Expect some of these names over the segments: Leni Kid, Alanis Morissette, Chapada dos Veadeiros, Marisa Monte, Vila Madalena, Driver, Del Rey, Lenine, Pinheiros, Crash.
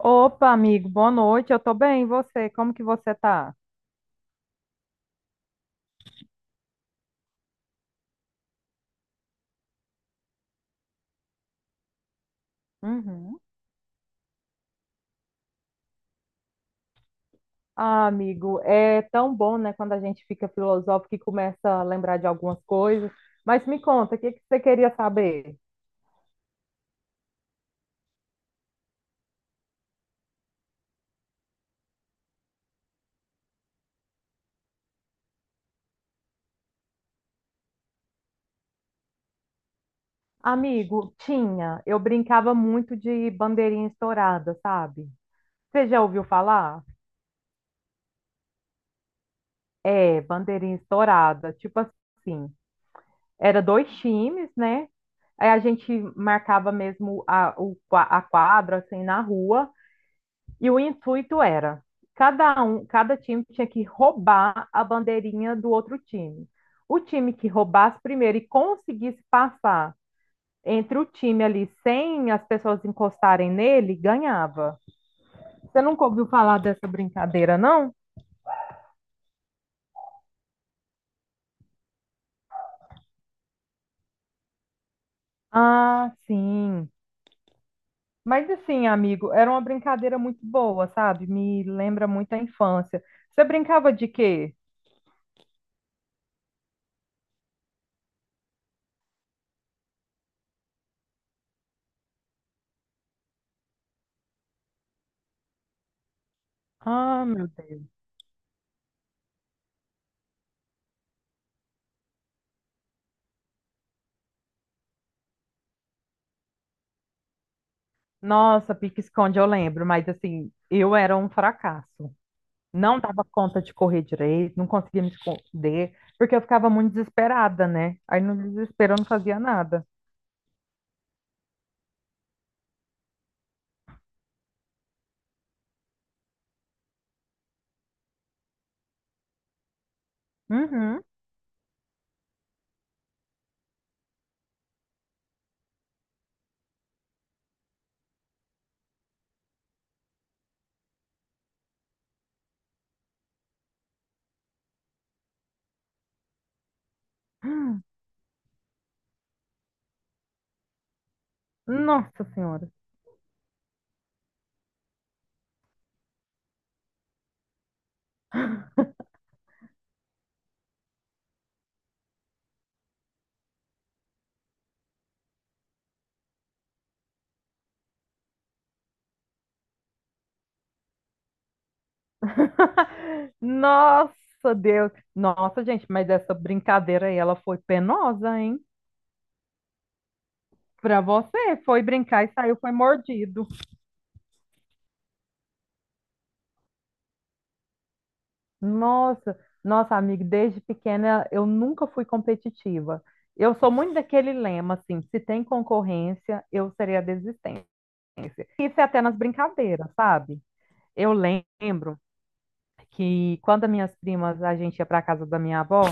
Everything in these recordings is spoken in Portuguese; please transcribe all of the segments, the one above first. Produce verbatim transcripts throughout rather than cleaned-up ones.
Opa, amigo, boa noite. Eu tô bem, e você? Como que você tá? Uhum. Ah, amigo, é tão bom, né, quando a gente fica filosófico e começa a lembrar de algumas coisas. Mas me conta, o que que você queria saber? Amigo, tinha. Eu brincava muito de bandeirinha estourada, sabe? Você já ouviu falar? É, bandeirinha estourada. Tipo assim, era dois times, né? Aí a gente marcava mesmo a, o qua- a quadra, assim, na rua. E o intuito era, cada um, cada time tinha que roubar a bandeirinha do outro time. O time que roubasse primeiro e conseguisse passar entre o time ali sem as pessoas encostarem nele, ganhava. Você nunca ouviu falar dessa brincadeira, não? Ah, sim. Mas assim, amigo, era uma brincadeira muito boa, sabe? Me lembra muito a infância. Você brincava de quê? Ah, meu Deus. Nossa, pique-esconde, eu lembro, mas assim, eu era um fracasso. Não dava conta de correr direito, não conseguia me esconder, porque eu ficava muito desesperada, né? Aí no desespero eu não fazia nada. Uhum. Nossa Senhora. Nossa Deus. Nossa, gente, mas essa brincadeira aí, ela foi penosa, hein? Pra você, foi brincar e saiu, foi mordido. Nossa, nossa, amiga, desde pequena eu nunca fui competitiva. Eu sou muito daquele lema, assim, se tem concorrência, eu serei a desistente. Isso é até nas brincadeiras, sabe? Eu lembro que quando as minhas primas, a gente ia para casa da minha avó,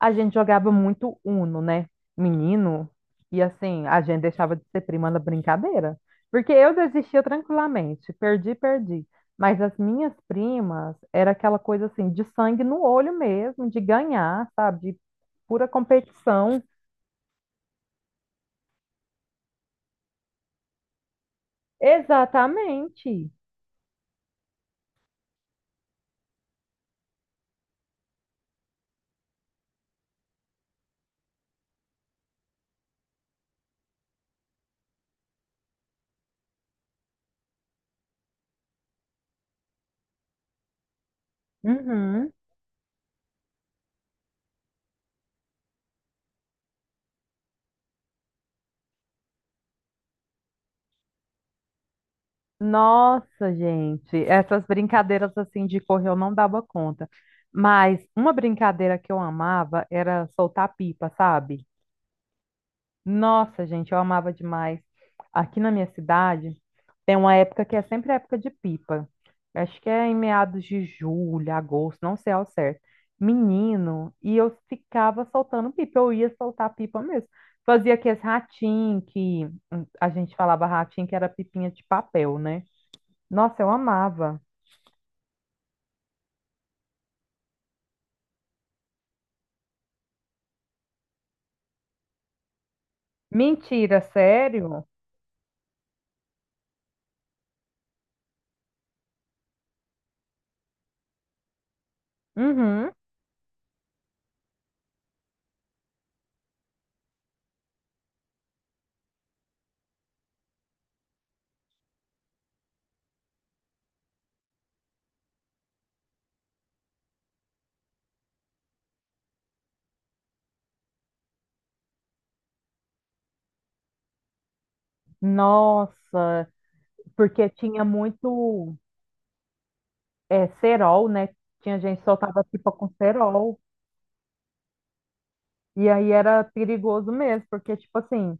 a gente jogava muito Uno, né? Menino, e assim, a gente deixava de ser prima na brincadeira. Porque eu desistia tranquilamente, perdi, perdi. Mas as minhas primas era aquela coisa assim, de sangue no olho mesmo, de ganhar, sabe? De pura competição. Exatamente. Uhum. Nossa, gente, essas brincadeiras assim de correr eu não dava conta. Mas uma brincadeira que eu amava era soltar pipa, sabe? Nossa, gente, eu amava demais. Aqui na minha cidade tem uma época que é sempre a época de pipa. Acho que é em meados de julho, agosto, não sei ao certo. Menino, e eu ficava soltando pipa, eu ia soltar pipa mesmo. Fazia aqueles ratinhos que hum, a gente falava ratinho que era pipinha de papel, né? Nossa, eu amava. Mentira, sério? Uhum. Nossa, porque tinha muito é, cerol, né? Tinha gente que soltava pipa com cerol. E aí era perigoso mesmo, porque, tipo assim,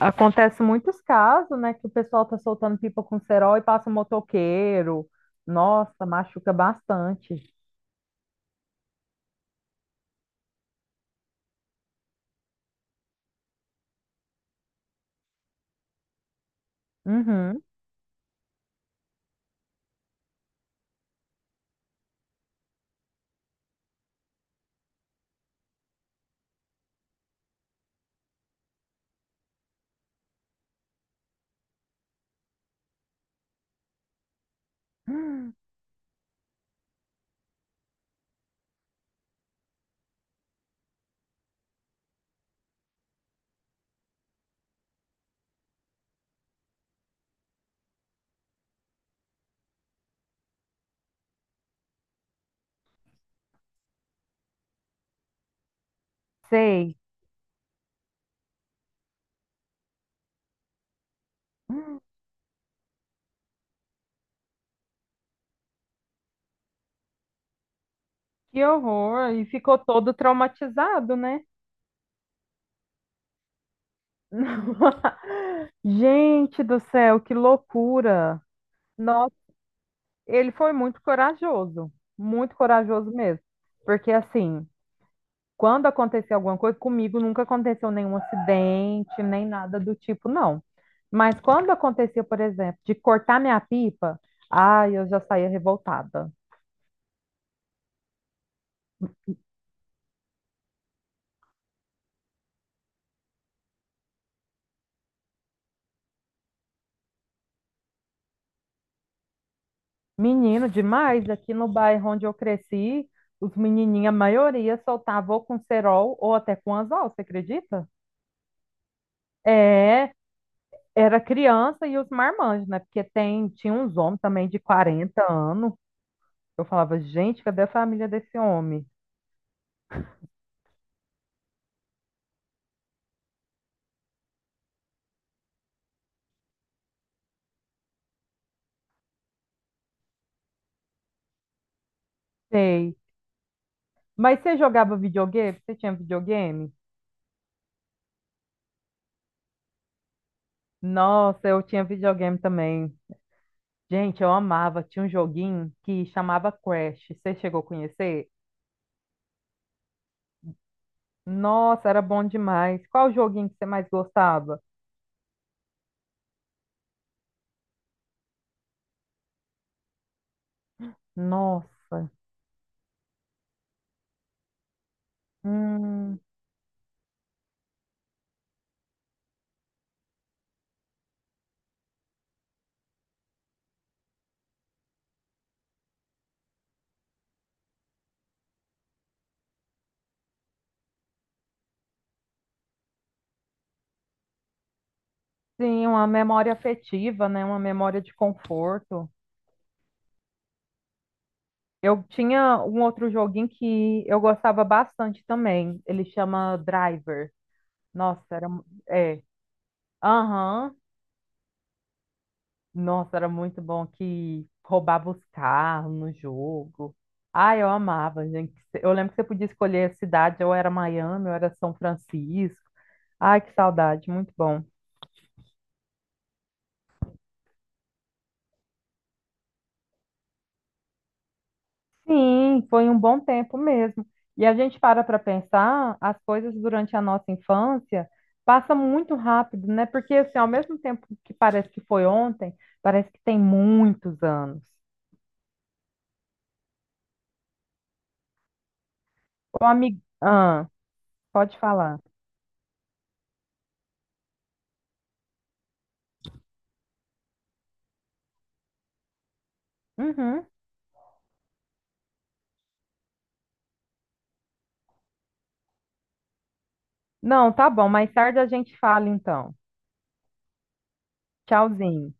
acontece muitos casos, né? Que o pessoal tá soltando pipa com cerol e passa um motoqueiro. Nossa, machuca bastante. Uhum. Hum. Sei. Hum. Que horror. E ficou todo traumatizado, né? Gente do céu, que loucura! Nossa, ele foi muito corajoso, muito corajoso mesmo. Porque assim, quando aconteceu alguma coisa, comigo nunca aconteceu nenhum acidente, nem nada do tipo, não. Mas quando aconteceu, por exemplo, de cortar minha pipa, ai, eu já saía revoltada. Menino demais, aqui no bairro onde eu cresci, os menininhos, a maioria soltava ou com cerol ou até com anzol, você acredita? É, era criança e os marmanjos, né? Porque tem, tinha uns homens também de quarenta anos. Eu falava, gente, cadê a família desse homem? Sei. Mas você jogava videogame? Você tinha videogame? Nossa, eu tinha videogame também. Gente, eu amava. Tinha um joguinho que chamava Crash. Você chegou a conhecer? Nossa, era bom demais. Qual joguinho que você mais gostava? Nossa. Hum, sim, uma memória afetiva, né? Uma memória de conforto. Eu tinha um outro joguinho que eu gostava bastante também. Ele chama Driver. Nossa, era mu- é. Aham. Nossa, era muito bom que roubava os carros no jogo. Ah, eu amava, gente. Eu lembro que você podia escolher a cidade, ou era Miami, ou era São Francisco. Ai, que saudade, muito bom. Sim, foi um bom tempo mesmo. E a gente para para pensar, as coisas durante a nossa infância passam muito rápido, né? Porque assim, ao mesmo tempo que parece que foi ontem, parece que tem muitos anos. O amigo, ah, pode falar. Uhum. Não, tá bom, mais tarde a gente fala então. Tchauzinho.